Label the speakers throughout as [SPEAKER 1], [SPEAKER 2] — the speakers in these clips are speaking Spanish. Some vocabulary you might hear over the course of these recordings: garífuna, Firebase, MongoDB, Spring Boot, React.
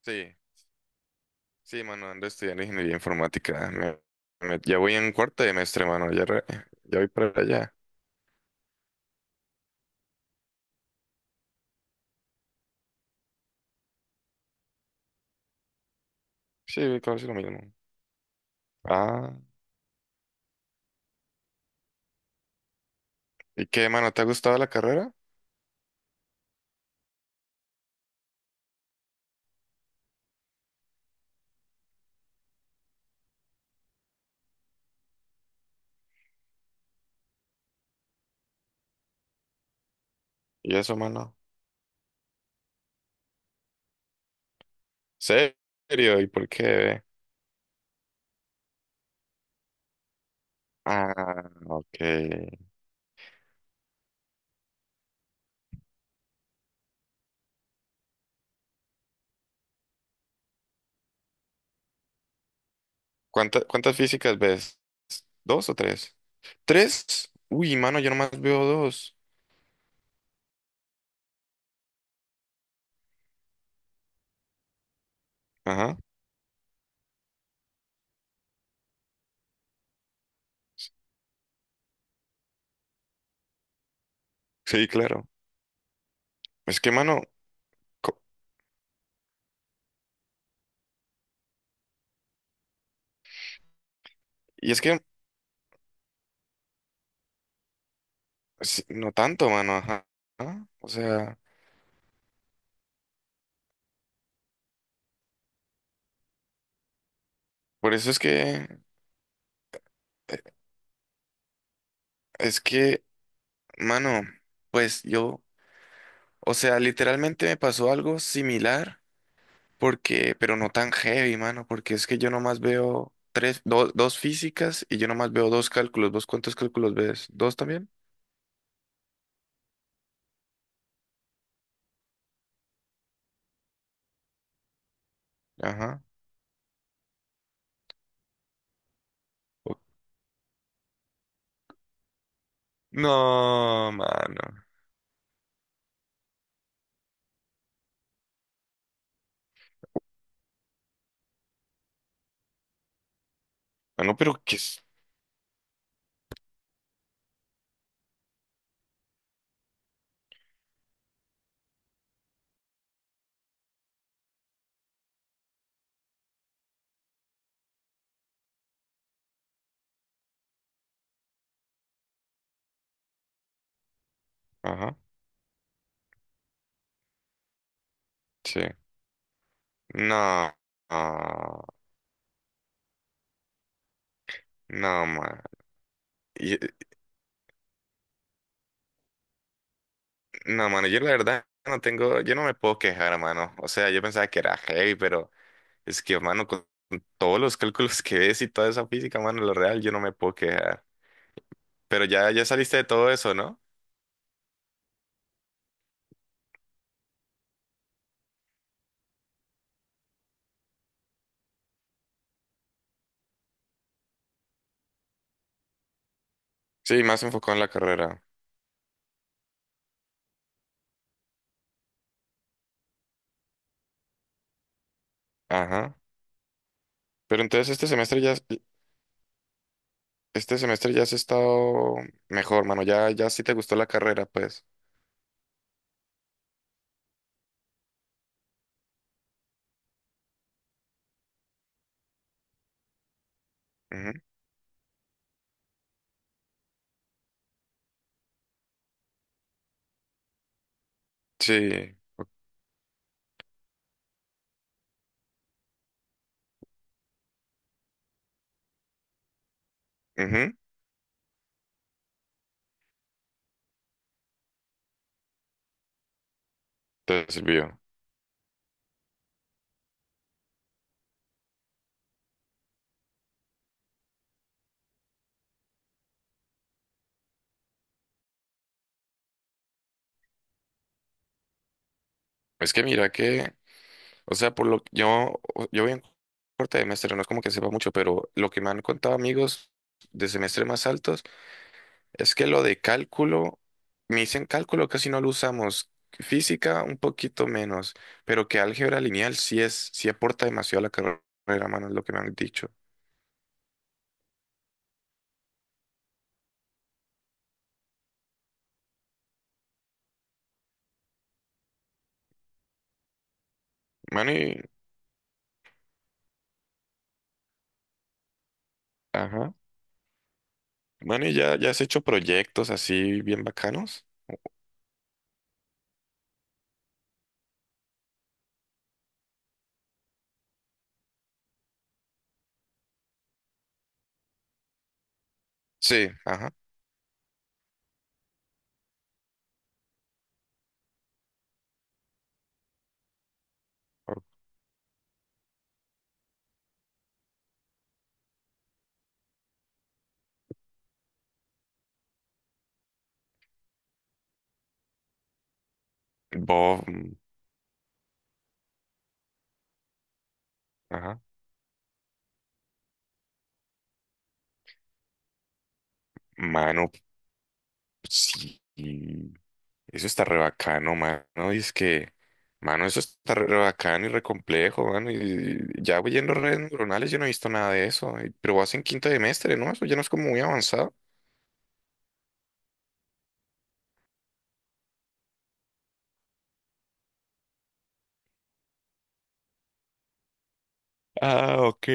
[SPEAKER 1] Sí, sí, mano, ando estudiando ingeniería informática. Ya voy en cuarto semestre, mano, ya, ya voy para allá. Sí, casi lo mismo. Ah, ¿y qué, mano? ¿Te ha gustado la carrera? ¿Y eso, mano? ¿Serio? ¿Y por qué? Ah, ok. ¿¿ cuántas físicas ves? ¿Dos o tres? ¿Tres? Uy, mano, yo nomás veo dos. Ajá, sí, claro. Es que, mano, co- y es que sí, no tanto, mano, ajá. Ajá. O sea, por eso es que eh, es que mano, pues yo, o sea, literalmente me pasó algo similar, porque, pero no tan heavy, mano, porque es que yo nomás veo tres, dos físicas y yo nomás veo dos cálculos. ¿Vos cuántos cálculos ves? ¿Dos también? Ajá. O- No, mano. Mano, pero ¿qué es? Ajá, sí. No, no, no, mano. Y- No, mano, yo la verdad no tengo, yo no me puedo quejar, mano. O sea, yo pensaba que era heavy, pero. Es que, mano, con todos los cálculos que ves y toda esa física, mano, lo real, yo no me puedo quejar. Pero ya, ya saliste de todo eso, ¿no? Sí, más enfocado en la carrera. Ajá. Pero entonces este semestre ya, este semestre ya has estado mejor, mano. Ya, ya sí te gustó la carrera, pues. Ujú. Sí. Ujú. Te sirvió. Es que mira que, o sea, por lo que yo voy en corte de semestre, no es como que sepa mucho, pero lo que me han contado amigos de semestre más altos. Es que lo de cálculo, me dicen cálculo casi no lo usamos, física un poquito menos, pero que álgebra lineal sí es, sí aporta demasiado a la carrera, mano, es lo que me han dicho. Mano, y, ajá. Mano, ¿y ya, ya has hecho proyectos así bien bacanos? Sí, ajá. Bob, mm, ajá. Mano, sí. Eso está re bacano, mano. Y es que, mano, eso está re bacano y re complejo, mano. Y ya voy yendo redes neuronales, yo no he visto nada de eso. Pero vas en quinto semestre, ¿no? Eso ya no es como muy avanzado. Ah, ok.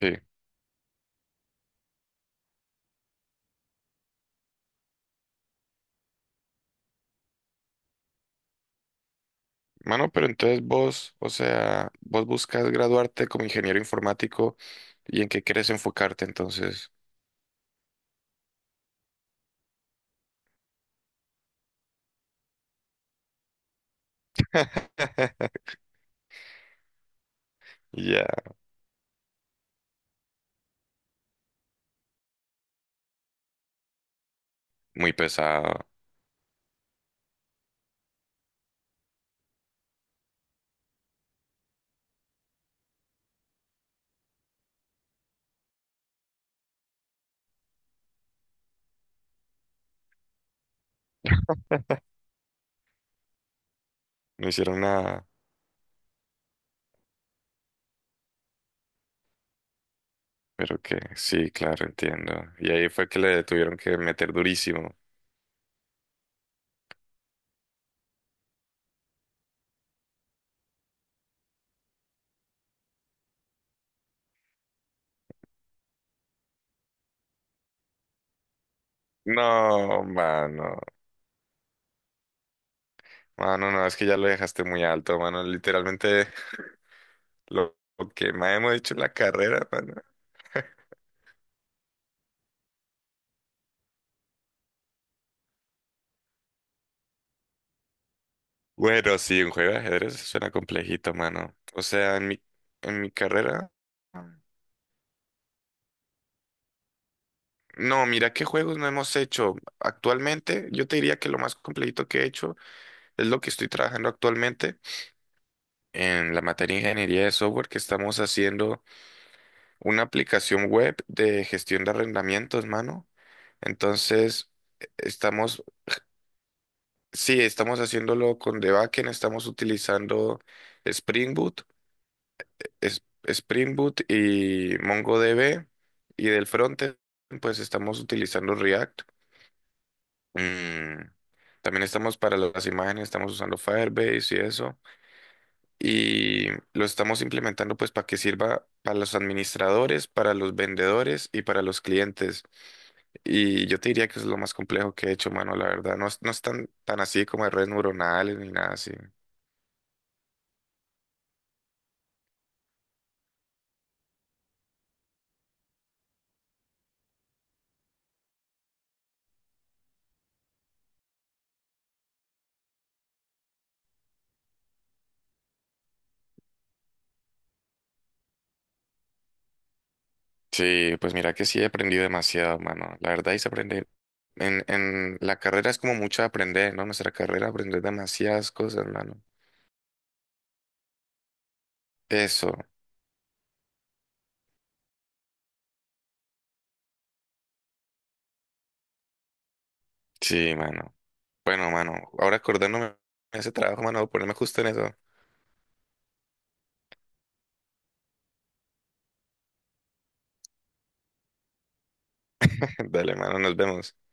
[SPEAKER 1] Sí. Mano, pero entonces vos, o sea, vos buscas graduarte como ingeniero informático y en qué quieres enfocarte entonces. Ya, muy pesado. No hicieron nada. Pero que sí, claro, entiendo. Y ahí fue que le tuvieron que meter durísimo. No, mano. Mano, no, no, es que ya lo dejaste muy alto, mano. Literalmente lo que más hemos dicho en la carrera, mano. Bueno, sí, un juego de ajedrez suena complejito, mano. O sea, en mi carrera. No, mira qué juegos no hemos hecho. Actualmente, yo te diría que lo más complejito que he hecho es lo que estoy trabajando actualmente en la materia de ingeniería de software que estamos haciendo. Una aplicación web de gestión de arrendamientos, mano. Entonces, estamos, sí, estamos haciéndolo con The Backend, estamos utilizando Spring Boot, Spring Boot y MongoDB, y del frontend, pues estamos utilizando React. Mm, también estamos para las imágenes, estamos usando Firebase y eso. Y lo estamos implementando pues para que sirva para los administradores, para los vendedores y para los clientes. Y yo te diría que es lo más complejo que he hecho, mano, la verdad. No, no es tan, tan así como de redes neuronales ni nada así. Sí, pues mira que sí he aprendido demasiado, mano. La verdad, y se aprende. En la carrera es como mucho aprender, ¿no? Nuestra carrera aprender demasiadas cosas, mano. Eso, sí, mano. Bueno, mano, ahora acordándome de ese trabajo, mano, voy a ponerme justo en eso. Dale, mano, nos vemos.